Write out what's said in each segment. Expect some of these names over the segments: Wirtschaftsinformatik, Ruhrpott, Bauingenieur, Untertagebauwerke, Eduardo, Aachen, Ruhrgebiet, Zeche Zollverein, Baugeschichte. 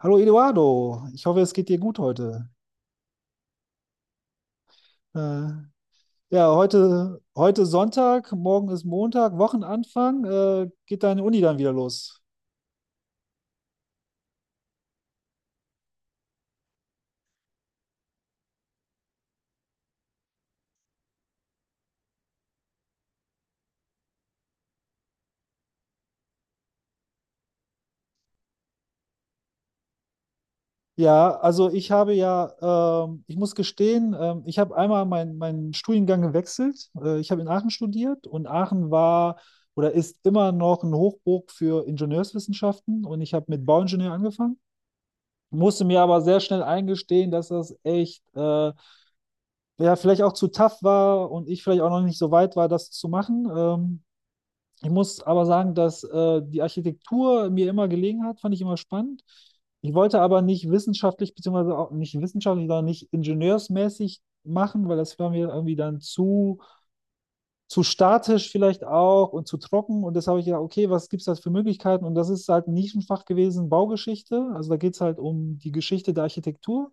Hallo Eduardo, ich hoffe, es geht dir gut heute. Äh, ja, heute, heute Sonntag, morgen ist Montag, Wochenanfang. Geht deine Uni dann wieder los? Ja, also ich muss gestehen, ich habe einmal meinen Studiengang gewechselt. Ich habe in Aachen studiert und Aachen war oder ist immer noch ein Hochburg für Ingenieurswissenschaften, und ich habe mit Bauingenieur angefangen, musste mir aber sehr schnell eingestehen, dass das echt ja, vielleicht auch zu tough war und ich vielleicht auch noch nicht so weit war, das zu machen. Ich muss aber sagen, dass die Architektur mir immer gelegen hat, fand ich immer spannend. Ich wollte aber nicht wissenschaftlich, beziehungsweise auch nicht wissenschaftlich, sondern nicht ingenieursmäßig machen, weil das war mir irgendwie dann zu statisch vielleicht auch und zu trocken. Und das habe ich ja, okay, was gibt es da für Möglichkeiten? Und das ist halt ein Nischenfach gewesen, Baugeschichte. Also da geht es halt um die Geschichte der Architektur.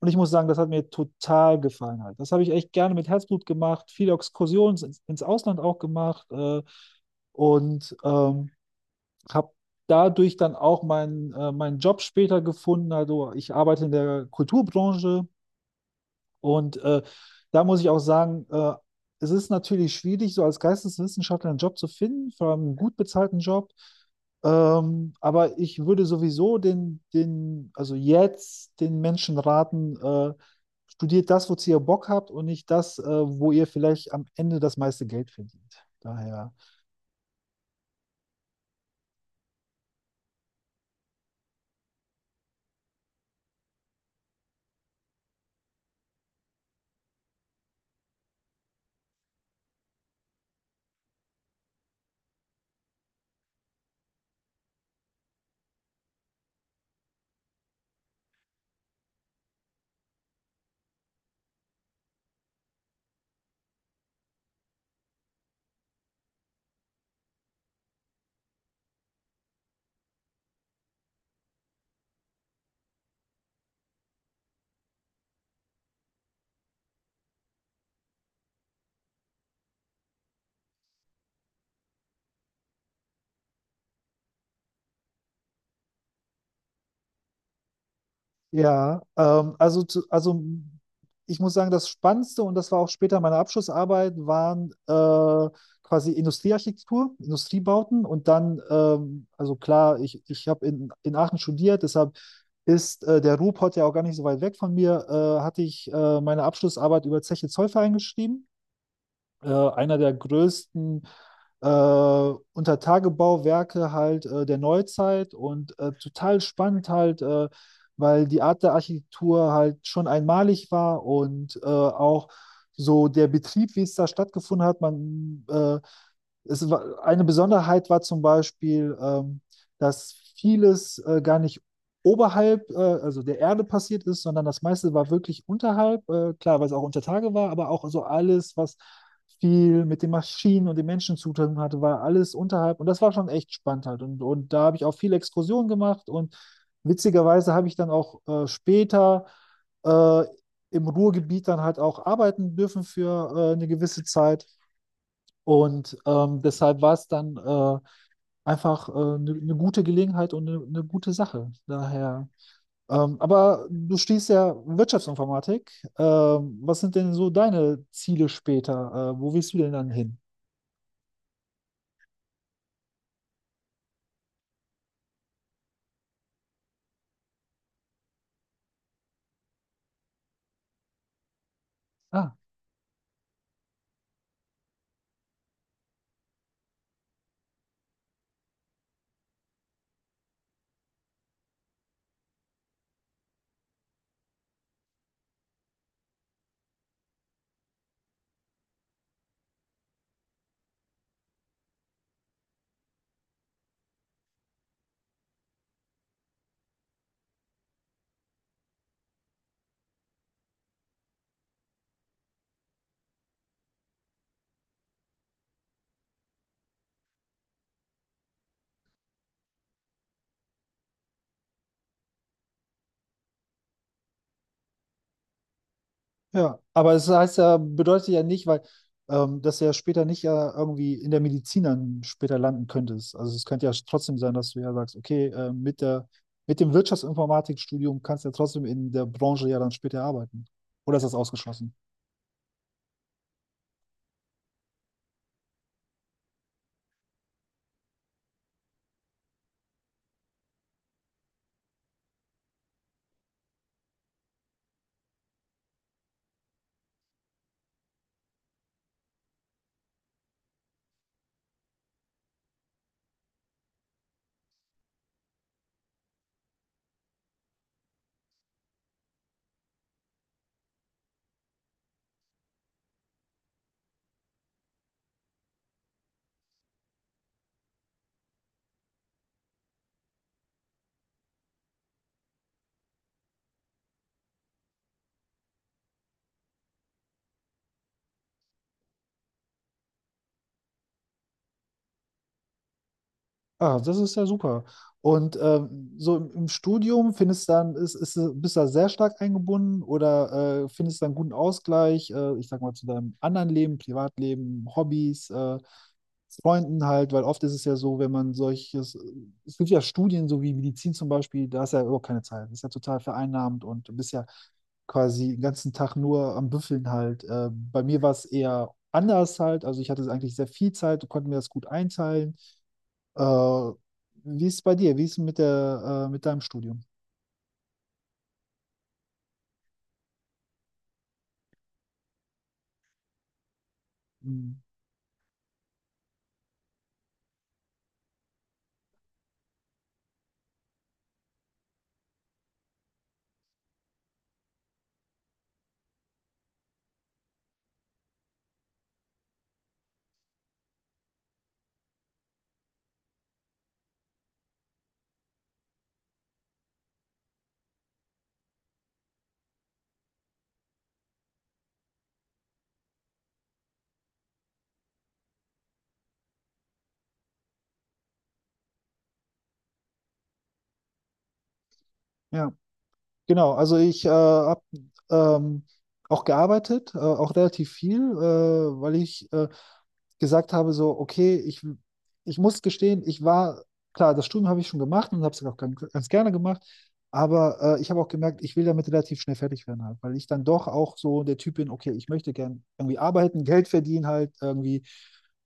Und ich muss sagen, das hat mir total gefallen halt. Das habe ich echt gerne mit Herzblut gemacht, viele Exkursionen ins Ausland auch gemacht, und habe dadurch dann auch meinen Job später gefunden. Also ich arbeite in der Kulturbranche, und da muss ich auch sagen, es ist natürlich schwierig, so als Geisteswissenschaftler einen Job zu finden, vor allem einen gut bezahlten Job. Aber ich würde sowieso also jetzt den Menschen raten, studiert das, wozu ihr Bock habt, und nicht das, wo ihr vielleicht am Ende das meiste Geld verdient. Daher. Ja, also, also ich muss sagen, das Spannendste, und das war auch später meine Abschlussarbeit, waren quasi Industriearchitektur, Industriebauten, und dann, also klar, ich habe in Aachen studiert, deshalb ist der Ruhrpott ja auch gar nicht so weit weg von mir, hatte ich meine Abschlussarbeit über Zeche Zollverein geschrieben, einer der größten äh, Untertagebauwerke halt der Neuzeit, und total spannend halt, weil die Art der Architektur halt schon einmalig war, und auch so der Betrieb, wie es da stattgefunden hat. Man Es war, eine Besonderheit war zum Beispiel, dass vieles gar nicht oberhalb, also der Erde passiert ist, sondern das meiste war wirklich unterhalb. Klar, weil es auch unter Tage war, aber auch so alles, was viel mit den Maschinen und den Menschen zu tun hatte, war alles unterhalb. Und das war schon echt spannend halt. Und da habe ich auch viele Exkursionen gemacht, und witzigerweise habe ich dann auch später äh, im Ruhrgebiet dann halt auch arbeiten dürfen für eine gewisse Zeit. Und deshalb war es dann einfach eine gute Gelegenheit und eine gute Sache. Daher. Aber du stehst ja Wirtschaftsinformatik. Was sind denn so deine Ziele später? Wo willst du denn dann hin? Ah. Ja, aber es heißt ja, bedeutet ja nicht, weil dass du ja später nicht ja irgendwie in der Medizin dann später landen könntest. Also es könnte ja trotzdem sein, dass du ja sagst, okay, mit dem Wirtschaftsinformatikstudium kannst du ja trotzdem in der Branche ja dann später arbeiten. Oder ist das ausgeschlossen? Ah, das ist ja super. Und so im Studium findest du dann, bist du da sehr stark eingebunden oder findest du einen guten Ausgleich, ich sag mal, zu deinem anderen Leben, Privatleben, Hobbys, Freunden halt, weil oft ist es ja so, wenn man solches, es gibt ja Studien, so wie Medizin zum Beispiel, da ist ja überhaupt keine Zeit, das ist ja total vereinnahmend, und du bist ja quasi den ganzen Tag nur am Büffeln halt. Bei mir war es eher anders halt, also ich hatte eigentlich sehr viel Zeit, konnte mir das gut einteilen, äh, wie ist es bei dir? Wie ist es mit mit deinem Studium? Hm. Ja, genau. Also ich habe ähm, auch gearbeitet, auch relativ viel, weil ich gesagt habe, so, okay, ich muss gestehen, ich war, klar, das Studium habe ich schon gemacht und habe es auch ganz gerne gemacht, aber ich habe auch gemerkt, ich will damit relativ schnell fertig werden halt, weil ich dann doch auch so der Typ bin, okay, ich möchte gern irgendwie arbeiten, Geld verdienen halt irgendwie.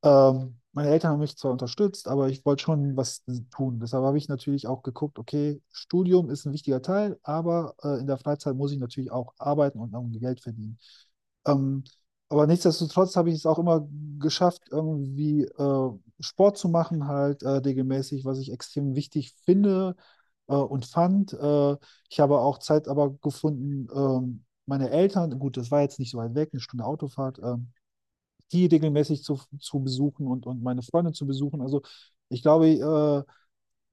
Meine Eltern haben mich zwar unterstützt, aber ich wollte schon was tun. Deshalb habe ich natürlich auch geguckt, okay, Studium ist ein wichtiger Teil, aber in der Freizeit muss ich natürlich auch arbeiten und irgendwie Geld verdienen. Ähm, aber nichtsdestotrotz habe ich es auch immer geschafft, irgendwie Sport zu machen, halt regelmäßig, was ich extrem wichtig finde und fand. Ich habe auch Zeit aber gefunden, meine Eltern, gut, das war jetzt nicht so weit weg, eine Stunde Autofahrt, die regelmäßig zu besuchen und meine Freunde zu besuchen. Also ich glaube,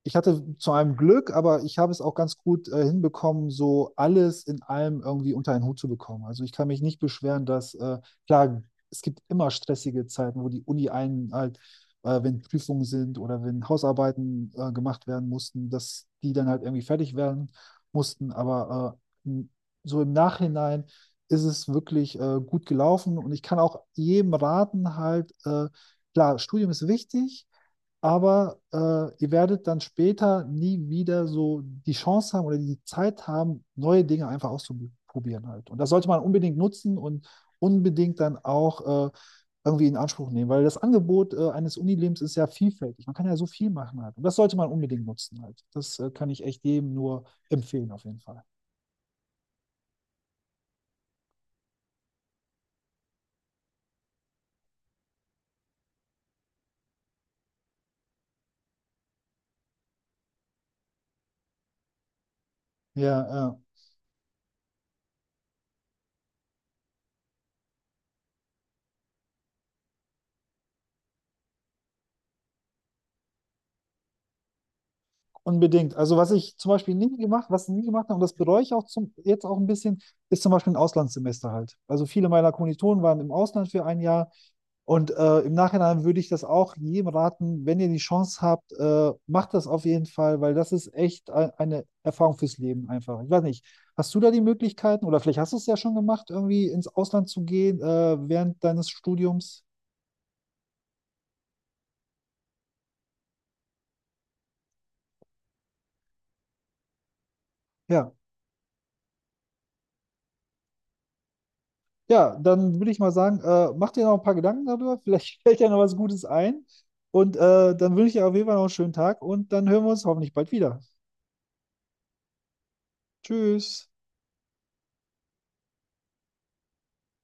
ich hatte zu einem Glück, aber ich habe es auch ganz gut hinbekommen, so alles in allem irgendwie unter einen Hut zu bekommen. Also ich kann mich nicht beschweren, dass, klar, es gibt immer stressige Zeiten, wo die Uni einen halt, wenn Prüfungen sind oder wenn Hausarbeiten gemacht werden mussten, dass die dann halt irgendwie fertig werden mussten. Aber äh, m- so im Nachhinein ist es wirklich gut gelaufen, und ich kann auch jedem raten, halt, klar, Studium ist wichtig, aber ihr werdet dann später nie wieder so die Chance haben oder die Zeit haben, neue Dinge einfach auszuprobieren halt. Und das sollte man unbedingt nutzen und unbedingt dann auch irgendwie in Anspruch nehmen, weil das Angebot eines Unilebens ist ja vielfältig. Man kann ja so viel machen halt. Und das sollte man unbedingt nutzen halt. Das kann ich echt jedem nur empfehlen auf jeden Fall. Ja, ja. Unbedingt. Also was ich zum Beispiel nie gemacht, was ich nie gemacht habe, und das bereue ich auch jetzt auch ein bisschen, ist zum Beispiel ein Auslandssemester halt. Also viele meiner Kommilitonen waren im Ausland für ein Jahr, und im Nachhinein würde ich das auch jedem raten, wenn ihr die Chance habt, macht das auf jeden Fall, weil das ist echt eine Erfahrung fürs Leben einfach. Ich weiß nicht, hast du da die Möglichkeiten, oder vielleicht hast du es ja schon gemacht, irgendwie ins Ausland zu gehen während deines Studiums? Ja. Ja, dann würde ich mal sagen, mach dir noch ein paar Gedanken darüber. Vielleicht fällt dir noch was Gutes ein. Und dann wünsche ich dir auf jeden Fall noch einen schönen Tag, und dann hören wir uns hoffentlich bald wieder. Tschüss.